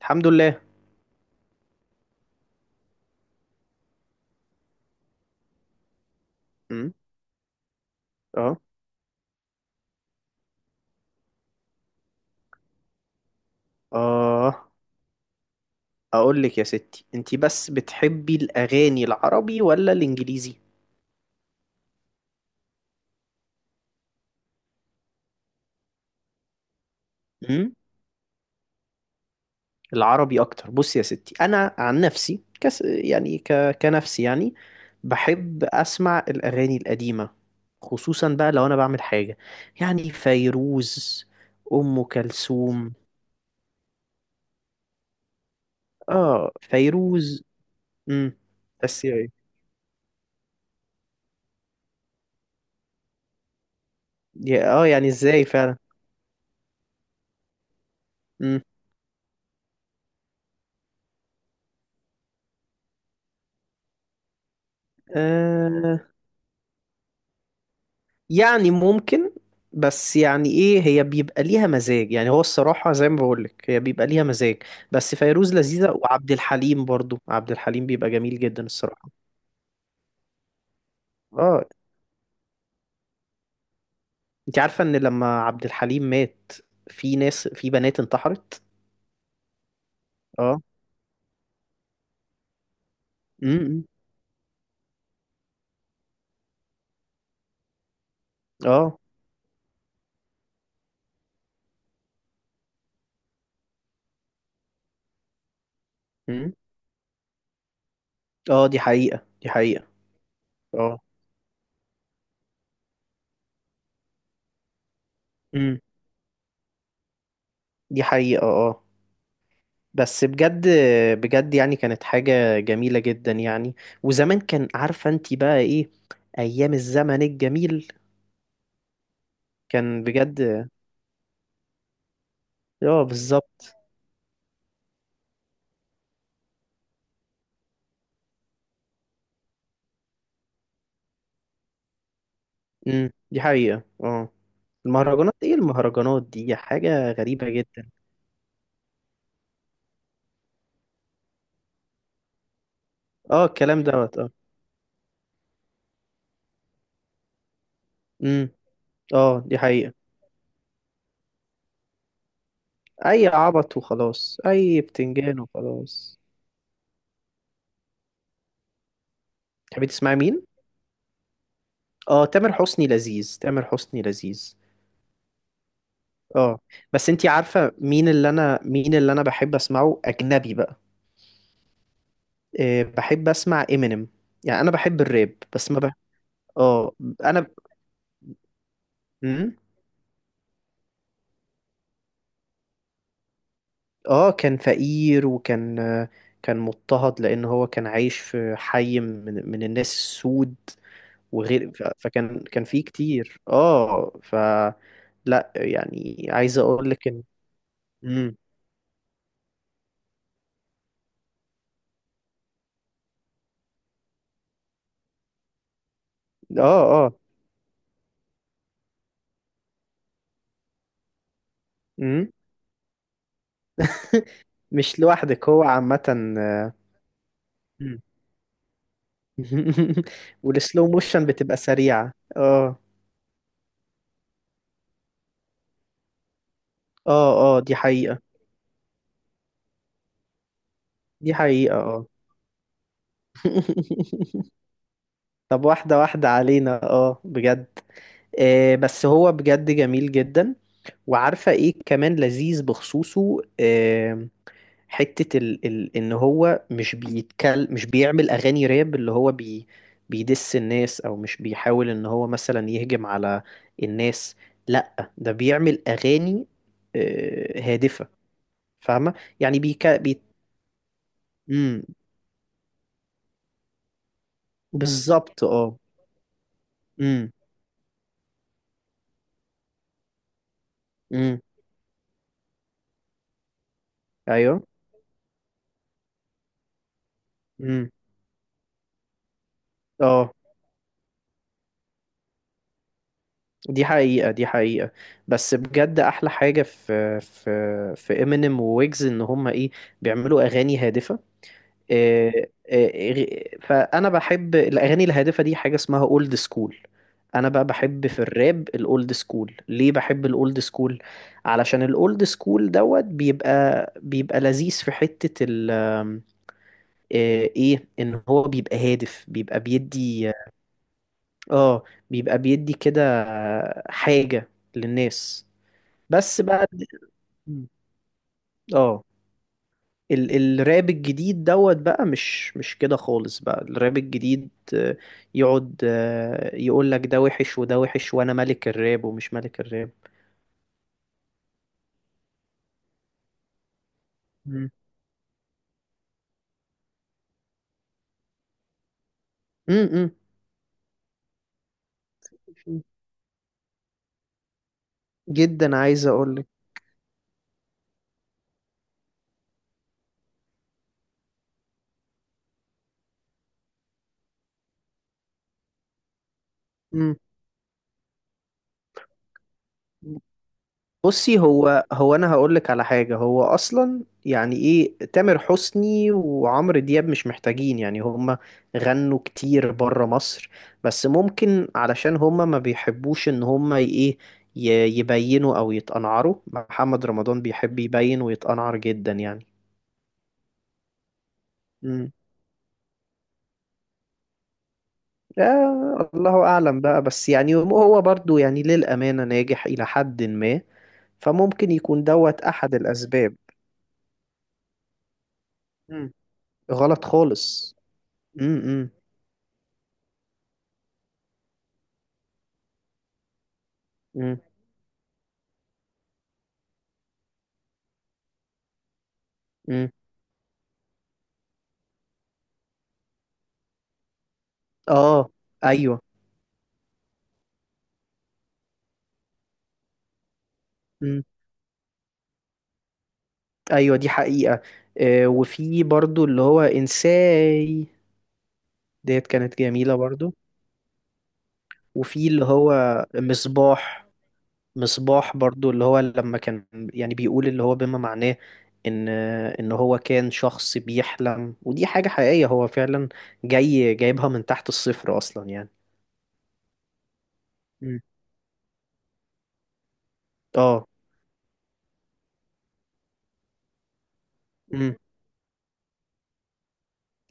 الحمد لله. امم اه. اه، اقول لك يا ستي، انتي بس بتحبي الاغاني العربي ولا الانجليزي؟ امم العربي اكتر. بصي يا ستي، انا عن نفسي كنفسي يعني بحب اسمع الاغاني القديمه، خصوصا بقى لو انا بعمل حاجه. يعني فيروز، ام كلثوم. اه، فيروز. امم بس يعني اه يعني ازاي فعلا. امم يعني ممكن، بس يعني ايه، هي بيبقى ليها مزاج، يعني هو الصراحة زي ما بقولك، هي بيبقى ليها مزاج. بس فيروز لذيذة، وعبد الحليم برضو، عبد الحليم بيبقى جميل جدا الصراحة. اه، انت عارفة ان لما عبد الحليم مات، في بنات انتحرت. اه. امم اه. امم اه، دي حقيقة دي حقيقة. اه. امم دي حقيقة. اه، بس بجد، بجد يعني كانت حاجة جميلة جدا يعني. وزمان، كان عارفة انت بقى ايه، ايام الزمن الجميل، كان بجد. اه، بالظبط. دي حقيقة. اه، المهرجانات، ايه المهرجانات دي، حاجة غريبة جدا. اه، الكلام دوت. اه. امم اه، دي حقيقة. اي عبط وخلاص، اي بتنجان وخلاص. تحبي تسمعي مين؟ اه، تامر حسني لذيذ، تامر حسني لذيذ. اه، بس انتي عارفة مين اللي انا بحب اسمعه اجنبي بقى؟ بحب اسمع امينيم. يعني انا بحب الراب بس ما بح... اه. انا، امم اه، كان فقير، وكان آه، كان مضطهد، لان هو كان عايش في حي من الناس السود. وغير فكان فيه كتير. اه، فلا، يعني عايز اقول لك ان، امم اه. اه. امم مش لوحدك، هو عامة. آه، مم. والسلو موشن بتبقى سريعة. اه. اه، اه، دي حقيقة دي حقيقة. اه. طب واحدة واحدة علينا، اه بجد. آه بس هو بجد جميل جدا. وعارفة ايه كمان لذيذ بخصوصه؟ آه حتة ال ال ان هو مش بيعمل اغاني راب اللي هو بيدس الناس، او مش بيحاول ان هو مثلا يهجم على الناس. لا، ده بيعمل اغاني هادفة، فاهمة. يعني مم، بالظبط. اه. امم امم ايوه. اه، دي حقيقة دي حقيقة. بس بجد، أحلى حاجة في امينيم وويجز، إن هما إيه، بيعملوا أغاني هادفة. إيه، إيه، فأنا بحب الأغاني الهادفة دي، حاجة اسمها أولد سكول. أنا بقى بحب في الراب الأولد سكول. ليه بحب الأولد سكول؟ علشان الأولد سكول دوت بيبقى لذيذ. في حتة ال آه، إيه، إن هو بيبقى هادف، بيبقى بيدي. اه، بيبقى بيدي كده حاجة للناس. بس بقى، مم. اه، ال الراب الجديد دوت بقى، مش كده خالص بقى، الراب الجديد يقعد يقول لك ده وحش وده وحش، وانا ملك الراب ومش ملك الراب. مم. مم، مم. جدا، عايز اقول لك، امم. بصي، هو انا هقول لك على حاجه، هو اصلا يعني ايه، تامر حسني وعمرو دياب مش محتاجين، يعني هما غنوا كتير بره مصر. بس ممكن علشان هما ما بيحبوش ان هما يبينوا او يتقنعروا. محمد رمضان بيحب يبين ويتقنعر جدا يعني. امم آه، الله اعلم بقى، بس يعني هو برضو يعني للامانه ناجح الى حد ما، فممكن يكون دوت احد الاسباب. مم. غلط خالص. امم مم. مم. اه. ايوه. مم. ايوه، دي حقيقة. آه، وفي برضو اللي هو انساي، ديت كانت جميلة برضو. وفي اللي هو مصباح، مصباح برضو، اللي هو لما كان يعني بيقول اللي هو بما معناه ان ان هو كان شخص بيحلم. ودي حاجة حقيقية، هو فعلا جايبها من تحت الصفر اصلا يعني. مم. اه. مم.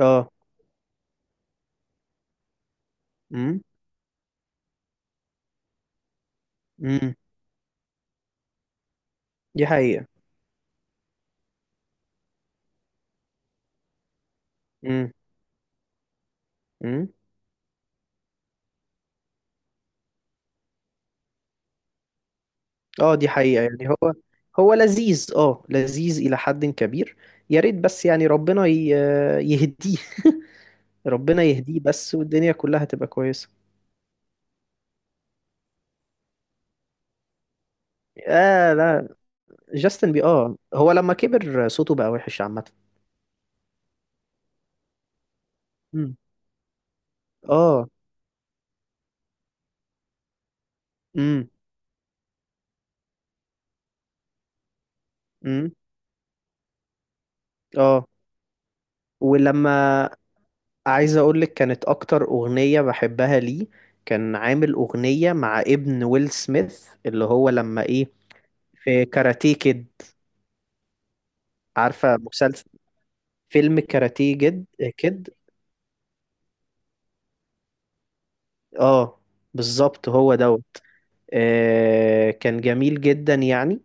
اه. مم. مم. دي حقيقة. مم. مم. اه، دي حقيقة، يعني هو لذيذ إلى حد كبير. يا ريت بس يعني ربنا يهديه. ربنا يهديه بس، والدنيا كلها تبقى كويسة. آه لا، جاستن بي اه هو لما كبر صوته بقى وحش عامة. مم. اه. امم امم اه، ولما، عايز اقول لك كانت اكتر اغنية بحبها ليه، كان عامل اغنية مع ابن ويل سميث، اللي هو لما ايه، في كاراتيه كيد. عارفة مسلسل، فيلم كاراتيه كد. اه، بالظبط، هو دوت. آه، كان جميل جدا يعني.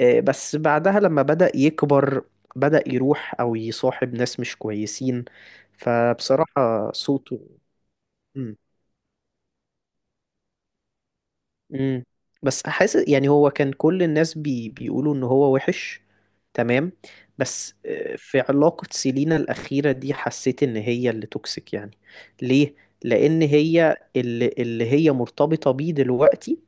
آه، بس بعدها لما بدأ يكبر، بدأ يروح او يصاحب ناس مش كويسين، فبصراحة صوته، مم. امم بس حاسس يعني هو، كان كل الناس بيقولوا ان هو وحش، تمام؟ بس في علاقة سيلينا الأخيرة دي، حسيت ان هي اللي توكسيك يعني. ليه؟ لأن اللي هي مرتبطة بيه دلوقتي،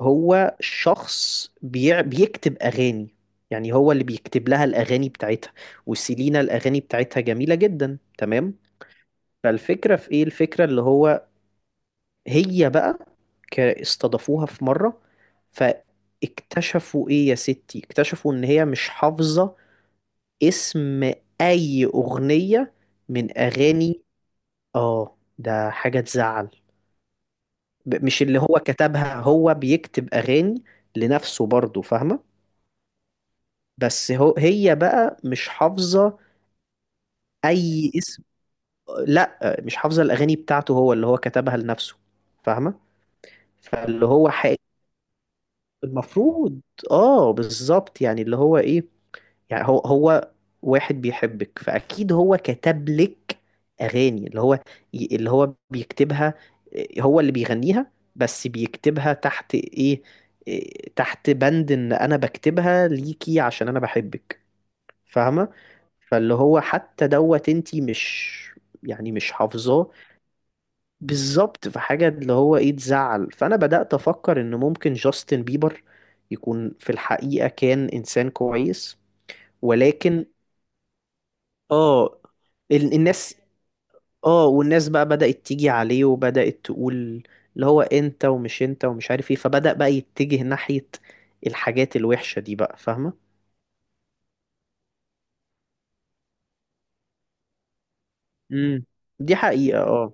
هو شخص بيكتب أغاني. يعني هو اللي بيكتب لها الأغاني بتاعتها، وسيلينا الأغاني بتاعتها جميلة جدا، تمام؟ فالفكرة في ايه؟ الفكرة اللي هو، هي بقى استضافوها في مرة، فاكتشفوا ايه يا ستي، اكتشفوا ان هي مش حافظة اسم اي اغنية من اغاني. اه، ده حاجة تزعل. مش اللي هو كتبها، هو بيكتب اغاني لنفسه برضه، فاهمة؟ بس هي بقى مش حافظة اي اسم. لا، مش حافظة الاغاني بتاعته، هو اللي هو كتبها لنفسه، فاهمة. فاللي هو المفروض، اه بالظبط، يعني اللي هو ايه، يعني هو واحد بيحبك، فاكيد هو كتب لك اغاني اللي هو بيكتبها. إيه، هو اللي بيغنيها بس بيكتبها تحت ايه، إيه، تحت بند ان انا بكتبها ليكي عشان انا بحبك، فاهمة؟ فاللي هو حتى دوت انتي مش يعني مش حافظاه. بالظبط، في حاجة اللي هو ايه تزعل. فأنا بدأت أفكر إن ممكن جاستن بيبر يكون في الحقيقة كان إنسان كويس، ولكن، اه، الناس، اه، والناس بقى بدأت تيجي عليه، وبدأت تقول اللي هو انت ومش انت ومش عارف ايه، فبدأ بقى يتجه ناحية الحاجات الوحشة دي بقى، فاهمة؟ امم دي حقيقة. اه.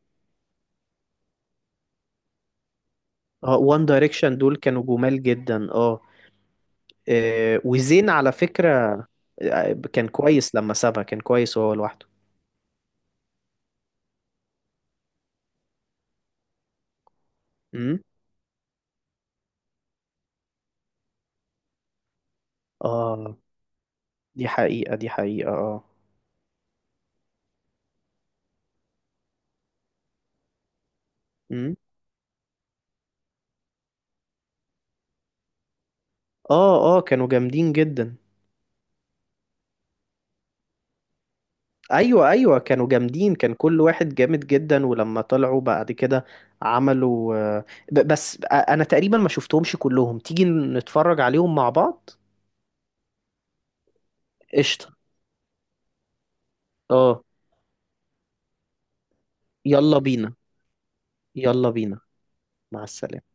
اه، وان دايركشن دول كانوا جمال جدا. اه، وزين على فكرة، كان كويس لما سابها، كان كويس وهو لوحده. امم اه، دي حقيقة دي حقيقة. اه. امم اه. اه، كانوا جامدين جدا. ايوه، ايوه، كانوا جامدين، كان كل واحد جامد جدا. ولما طلعوا بعد كده عملوا بس انا تقريبا ما شفتهمش كلهم تيجي نتفرج عليهم مع بعض. قشطة، اه، يلا بينا. يلا بينا. مع السلامة.